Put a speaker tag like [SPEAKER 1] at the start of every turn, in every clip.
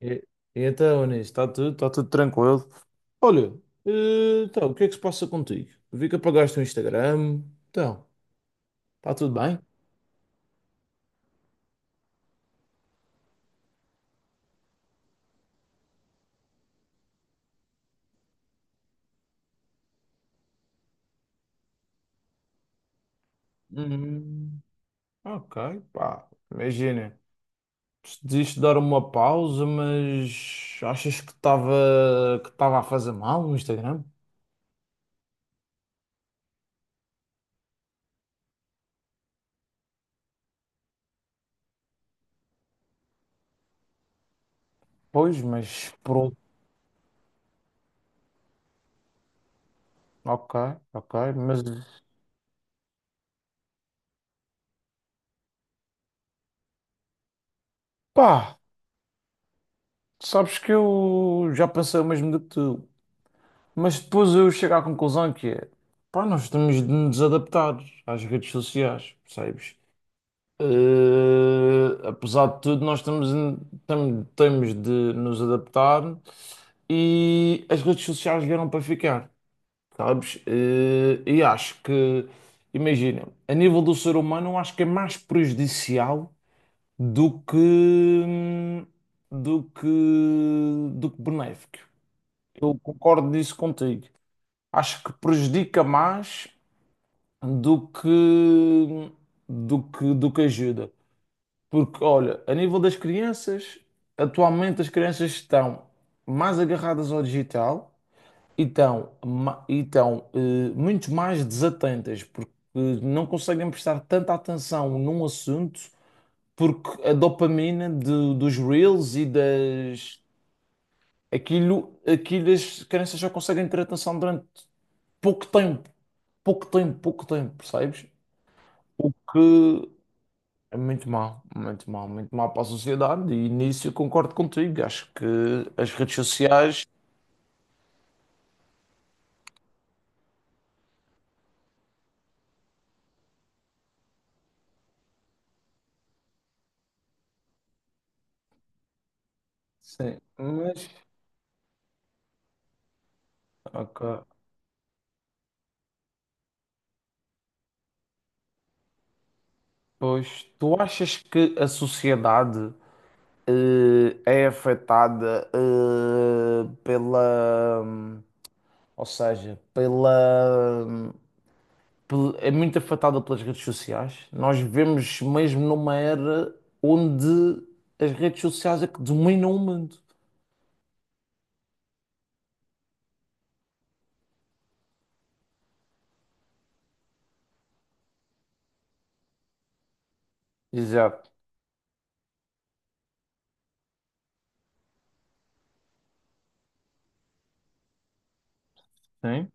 [SPEAKER 1] E- Então, nisso, está tudo tranquilo. Olha, então, o que é que se passa contigo? Vi que apagaste o Instagram. Então, está tudo bem? Hum, ok, pá, imagina. Decidiste dar uma pausa, mas achas que estava a fazer mal no Instagram? Pois, mas pronto, ok, ok, mas pá, sabes que eu já pensei o mesmo do que tu. Mas depois eu chego à conclusão que é, pá, nós temos de nos adaptar às redes sociais, percebes? Apesar de tudo, nós temos de nos adaptar e as redes sociais vieram para ficar, sabes? E acho que, imagina, a nível do ser humano, eu acho que é mais prejudicial do que, do que, do que benéfico. Eu concordo nisso contigo, acho que prejudica mais do que do que do que ajuda. Porque, olha, a nível das crianças, atualmente as crianças estão mais agarradas ao digital e e estão muito mais desatentas, porque não conseguem prestar tanta atenção num assunto, porque a dopamina dos reels e das. Aquilo, as crianças já conseguem ter atenção durante pouco tempo. Pouco tempo, percebes? O que é muito mal, muito mal, muito mal para a sociedade, e nisso eu concordo contigo. Acho que as redes sociais. Sim, mas. Ok. Pois, tu achas que a sociedade é afetada pela. Ou seja, pela. É muito afetada pelas redes sociais. Nós vivemos mesmo numa era onde as redes sociais é que dominam o mundo. Exato. Sim,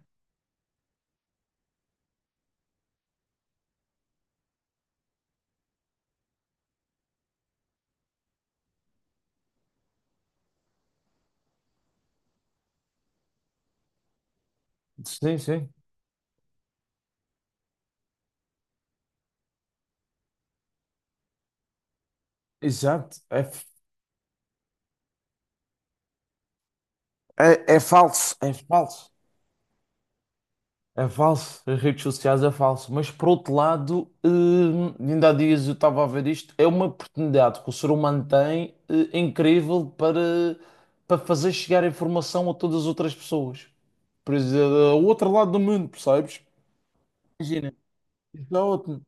[SPEAKER 1] sim, sim. Exato. É, é falso, é falso. É falso, as redes sociais é falso, mas por outro lado, ainda há dias eu estava a ver isto, é uma oportunidade que o ser humano tem, incrível para, para fazer chegar a informação a todas as outras pessoas. Por exemplo, ao outro lado do mundo, percebes? Imagina. Exato,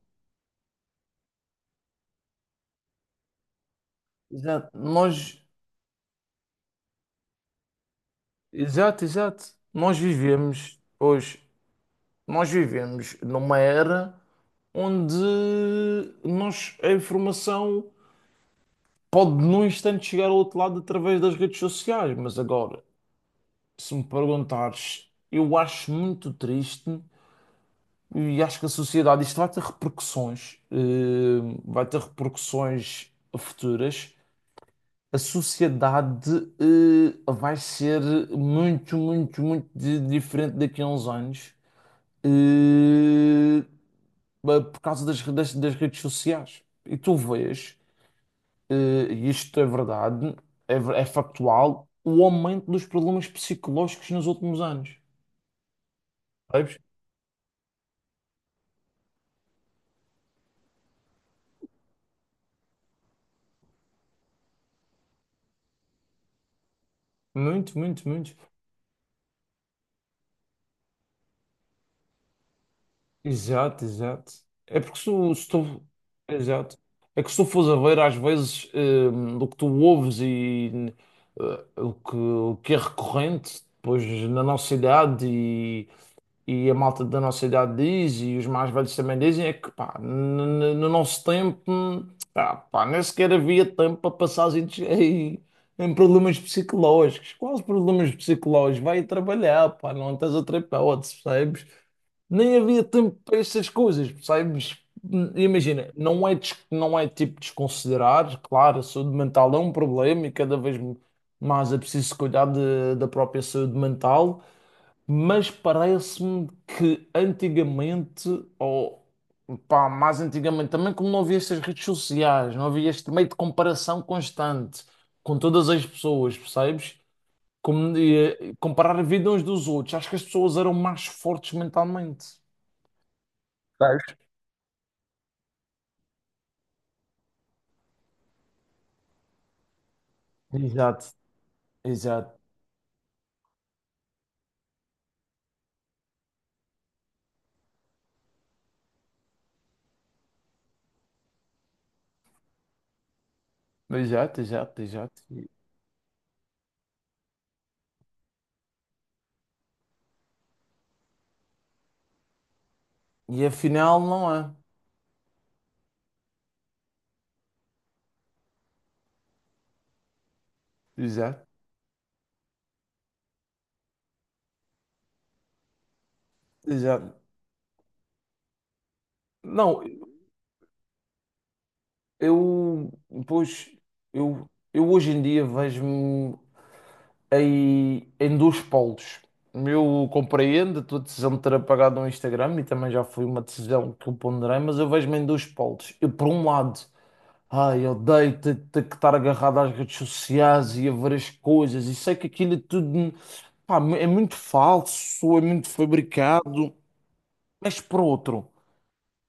[SPEAKER 1] exato. Exato, exato. Nós vivemos hoje, nós vivemos numa era onde nós, a informação pode num instante chegar ao outro lado através das redes sociais, mas agora, se me perguntares, eu acho muito triste e acho que a sociedade, isto vai ter repercussões, vai ter repercussões futuras, a sociedade vai ser muito, muito, diferente daqui a uns anos, eh, por causa das redes sociais. E tu vês, eh, e isto é verdade, é factual, o aumento dos problemas psicológicos nos últimos anos. Sabes? Muito, muito, muito. Exato, exato. É porque se tu. Exato. É que se tu fores a ver, às vezes, do que tu ouves e o que é recorrente depois na nossa idade e a malta da nossa idade diz, e os mais velhos também dizem, é que pá, no nosso tempo, ah, pá, nem sequer havia tempo para passar em problemas psicológicos. Quais problemas psicológicos? Vai trabalhar, pá, não tens outra hipótese, percebes? Nem havia tempo para essas coisas, percebes? Imagina, não é, não é tipo desconsiderar, claro, a saúde mental é um problema e cada vez mais é preciso cuidar da própria saúde mental, mas parece-me que antigamente, ou pá, mais antigamente também, como não havia estas redes sociais, não havia este meio de comparação constante com todas as pessoas, percebes? Como, comparar a vida uns dos outros, acho que as pessoas eram mais fortes mentalmente. Sabes? Exato, exato, exato, exato, exato. E afinal não é. Exato, exato. Não, eu, pois, eu hoje em dia vejo-me, aí em dois polos. Eu compreendo a tua decisão de ter apagado o Instagram e também já foi uma decisão que eu ponderei, mas eu vejo-me em dois polos. Eu, por um lado, ai, eu odeio ter que estar agarrado às redes sociais e a ver as coisas, e sei que aquilo é tudo, pá, é muito falso, é muito fabricado, mas por outro.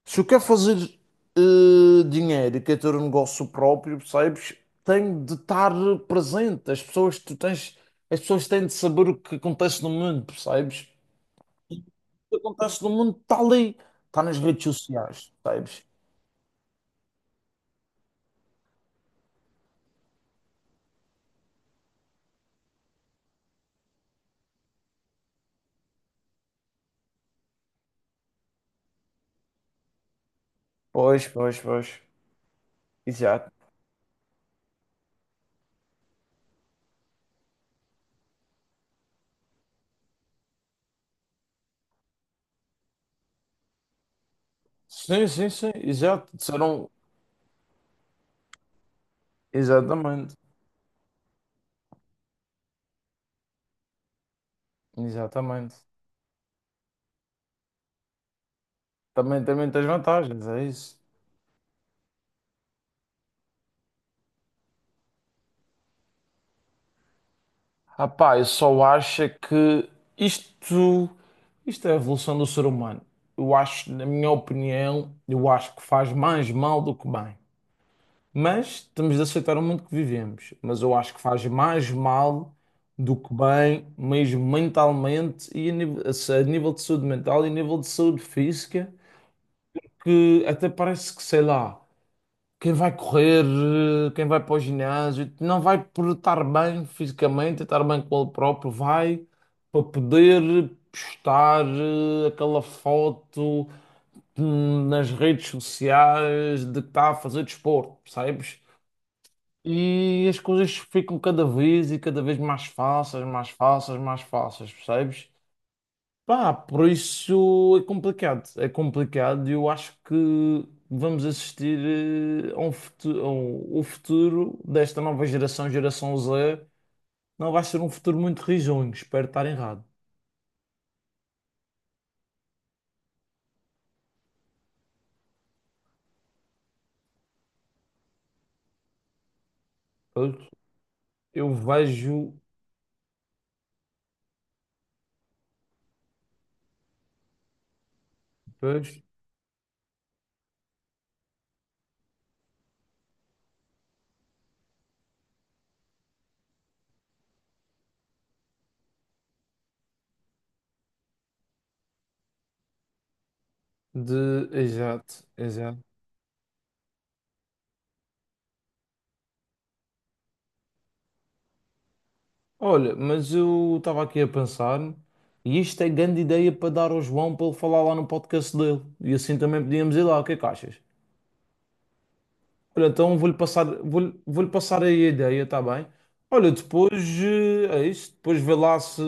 [SPEAKER 1] Se eu quero fazer dinheiro e quero ter um negócio próprio, percebes? Tenho de estar presente. As pessoas, tu tens, as pessoas têm de saber o que acontece no mundo, percebes? E o que acontece no mundo está ali, está nas redes sociais, percebes? Pois, pois, pois. Exato. Sim, sim, sim, exato. Disseram, exatamente, exatamente. Também, também tens vantagens, é isso. Rapaz, eu só acho é que isto, isto é a evolução do ser humano. Eu acho, na minha opinião, eu acho que faz mais mal do que bem. Mas temos de aceitar o mundo que vivemos. Mas eu acho que faz mais mal do que bem, mesmo mentalmente e a nível de saúde mental e a nível de saúde física, que até parece que, sei lá. Quem vai correr, eh, quem vai para o ginásio, não vai por estar bem fisicamente, estar bem com ele próprio, vai para poder postar aquela foto nas redes sociais de que está a fazer desporto, percebes? E as coisas ficam cada vez e cada vez mais fáceis, mais fáceis, mais fáceis, percebes? Pá, por isso é complicado. É complicado e eu acho que vamos assistir a um futuro, o futuro desta nova geração, geração Z, não vai ser um futuro muito risonho. Espero estar errado. Pois, eu vejo, pois, de. Exato, exato. Olha, mas eu estava aqui a pensar, e isto é grande ideia para dar ao João para ele falar lá no podcast dele. E assim também podíamos ir lá. O que é que achas? Olha, então vou-lhe passar, vou-lhe passar aí a ideia, está bem? Olha, depois é isso, depois vê lá se,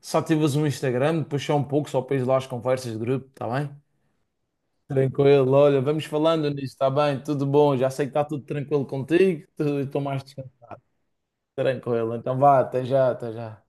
[SPEAKER 1] se ativas o Instagram, depois só um pouco, só para ir lá as conversas de grupo, está bem? Tranquilo, olha, vamos falando nisso, está bem? Tudo bom, já sei que está tudo tranquilo contigo, estou mais descan- tranquilo, então vá, até já, até já.